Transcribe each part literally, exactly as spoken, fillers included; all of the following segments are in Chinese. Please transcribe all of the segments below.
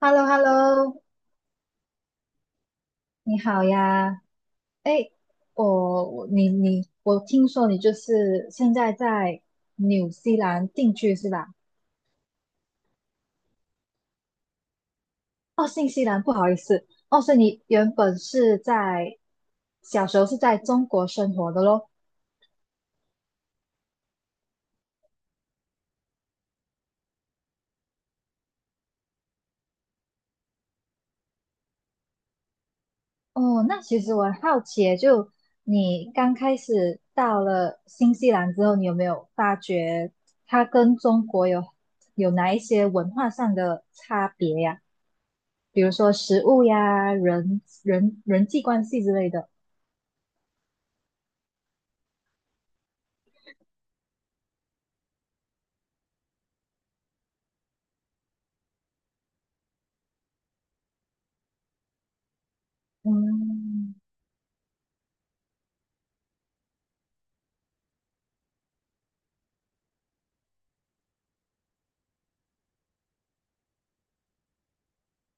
h e l l o h e l l o 你好呀。哎，我我你你我听说你就是现在在纽西兰定居是吧？哦，新西兰，不好意思。哦，所以你原本是在小时候是在中国生活的咯。哦，那其实我很好奇耶，就你刚开始到了新西兰之后，你有没有发觉它跟中国有有哪一些文化上的差别呀？比如说食物呀、人人人际关系之类的。嗯，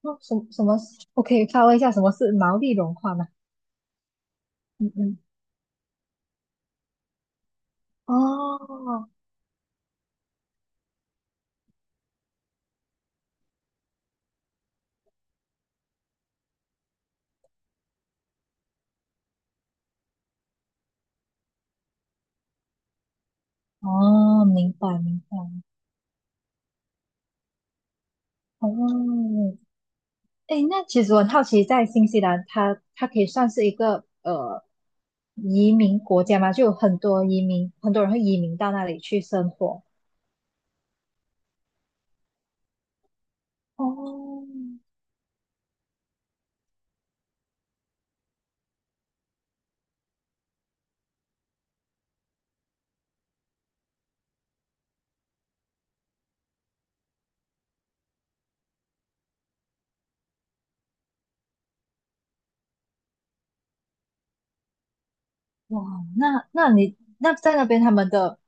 那什么什么？我可以发问一下，什么是毛利融化吗？嗯嗯，哦哦，明白明白。哦，哎，那其实我很好奇，在新西兰它，它可以算是一个呃移民国家吗？就有很多移民，很多人会移民到那里去生活。哦，哇，那那你那在那边他们的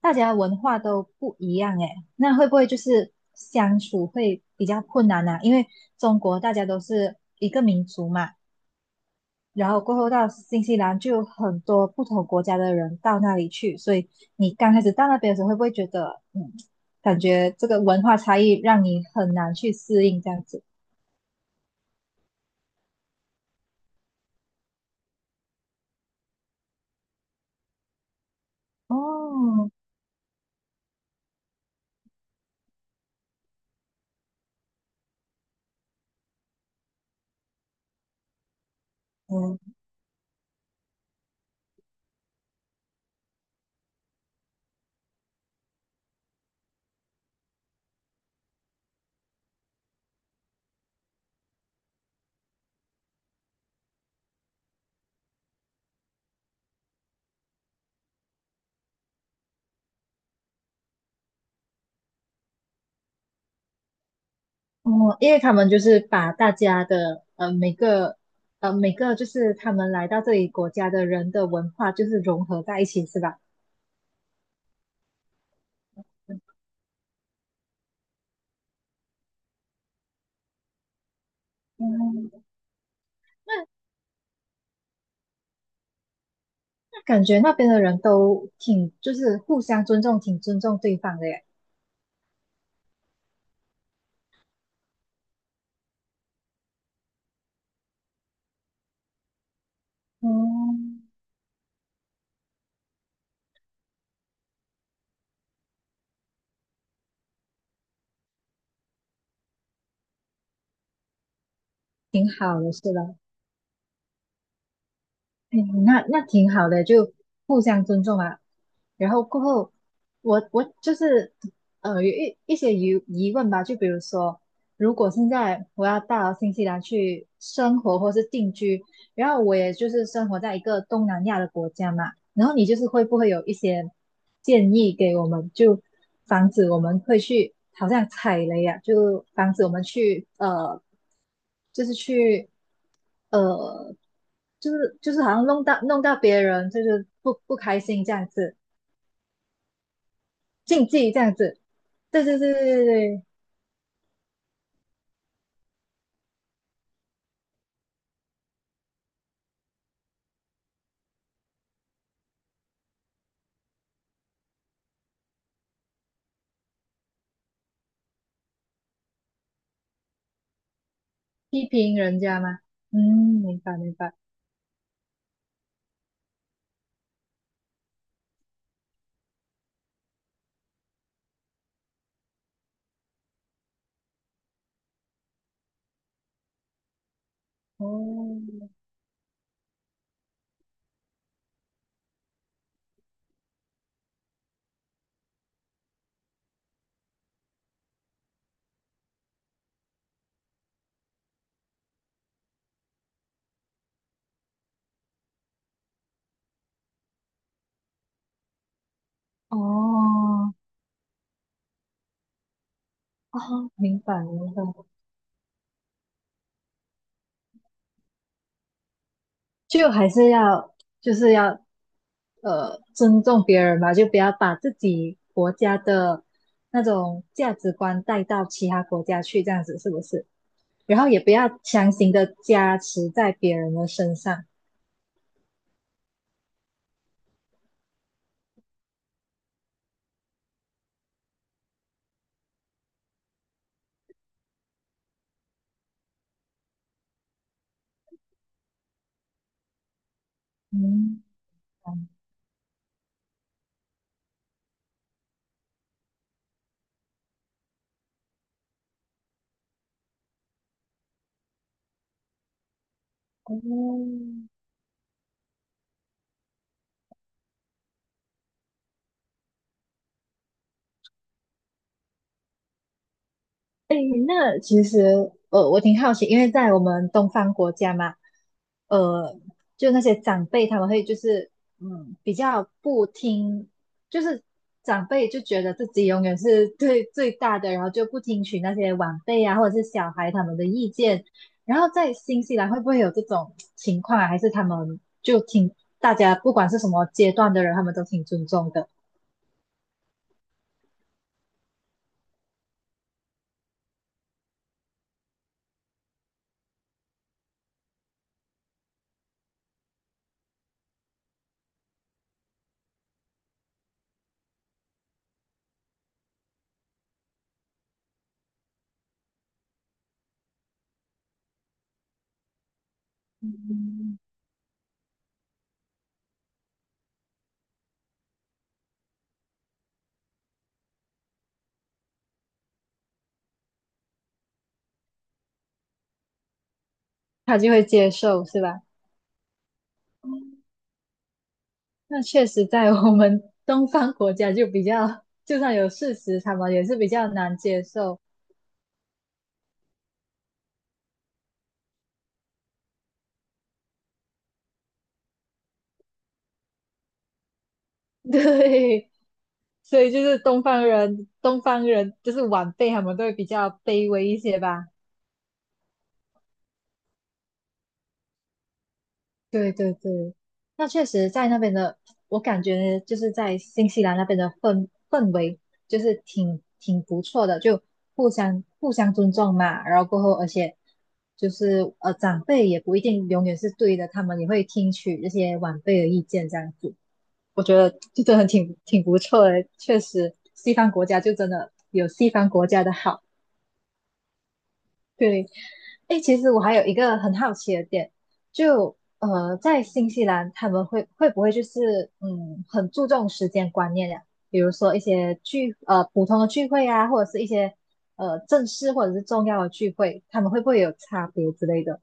大家文化都不一样诶，那会不会就是相处会比较困难啊？因为中国大家都是一个民族嘛，然后过后到新西兰就有很多不同国家的人到那里去，所以你刚开始到那边的时候，会不会觉得嗯，感觉这个文化差异让你很难去适应这样子？哦，嗯。哦，因为他们就是把大家的呃每个呃每个就是他们来到这里国家的人的文化就是融合在一起，是吧？嗯，那那感觉那边的人都挺就是互相尊重，挺尊重对方的耶。哦，挺好的，是吧？嗯，那那挺好的，就互相尊重啊。然后过后，我我就是呃有一一些疑疑问吧，就比如说，如果现在我要到新西兰去生活或是定居，然后我也就是生活在一个东南亚的国家嘛，然后你就是会不会有一些建议给我们，就防止我们会去好像踩雷呀、啊就防止我们去呃，就是去呃，就是就是好像弄到弄到别人就是不不开心这样子，禁忌这样子，对对对对对对，批评人家嘛，嗯，明白明白，哦哦哦，明白明白，就还是要就是要呃尊重别人吧，就不要把自己国家的那种价值观带到其他国家去，这样子是不是？然后也不要强行的加持在别人的身上。嗯，哦，那其实，呃，我挺好奇，因为在我们东方国家嘛，呃，就那些长辈他们会就是，嗯，比较不听，就是长辈就觉得自己永远是对 最大的，然后就不听取那些晚辈啊或者是小孩他们的意见。然后在新西兰会不会有这种情况啊？还是他们就挺大家不管是什么阶段的人，他们都挺尊重的，嗯他就会接受，是吧？那确实，在我们 东方国家就比较，就算有事实，他们也是比较难接受。对，所以就是东方人，东方人就是晚辈，他们都会比较卑微一些吧。对对对，那确实在那边的，我感觉就是在新西兰那边的氛氛围就是挺挺不错的，就互相互相尊重嘛，然后过后而且就是呃长辈也不一定永远是对的，他们也会听取这些晚辈的意见这样子，我觉得就真的挺挺不错的，确实西方国家就真的有西方国家的好。对，哎，其实我还有一个很好奇的点，就呃，在新西兰他们会会不会就是嗯，很注重时间观念呀？比如说一些聚呃普通的聚会啊，或者是一些呃正式或者是重要的聚会，他们会不会有差别之类的？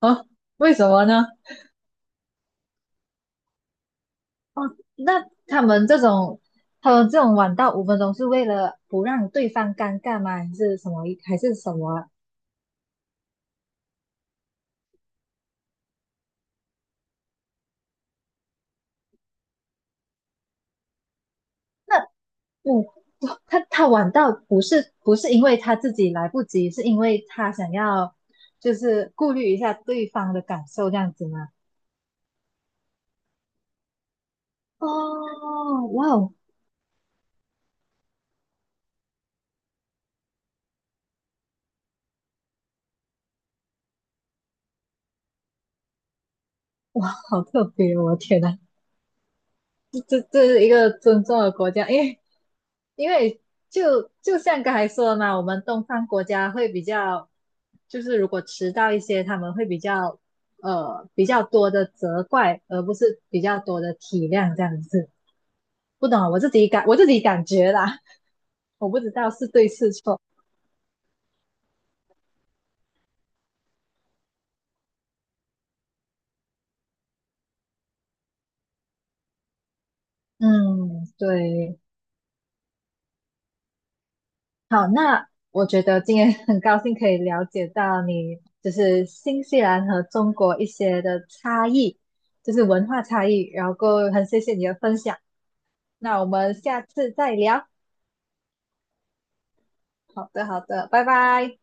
啊，为什么呢？哦，那他们这种他们这种晚到五分钟是为了不让对方尴尬吗？还是什么？还是什么啊那？嗯，哦他他晚到不是不是因为他自己来不及，是因为他想要就是顾虑一下对方的感受这样子吗？哦，哇哦，好特别哦！我的天呐，这这是一个尊重的国家，因为因为就就像刚才说的嘛，我们东方国家会比较，就是如果迟到一些，他们会比较呃比较多的责怪，而不是比较多的体谅这样子。不懂啊，我自己感我自己感觉啦。我不知道是对是错。嗯，对，好，那我觉得今天很高兴可以了解到你就是新西兰和中国一些的差异，就是文化差异，然后很谢谢你的分享。那我们下次再聊。好的，好的，拜拜。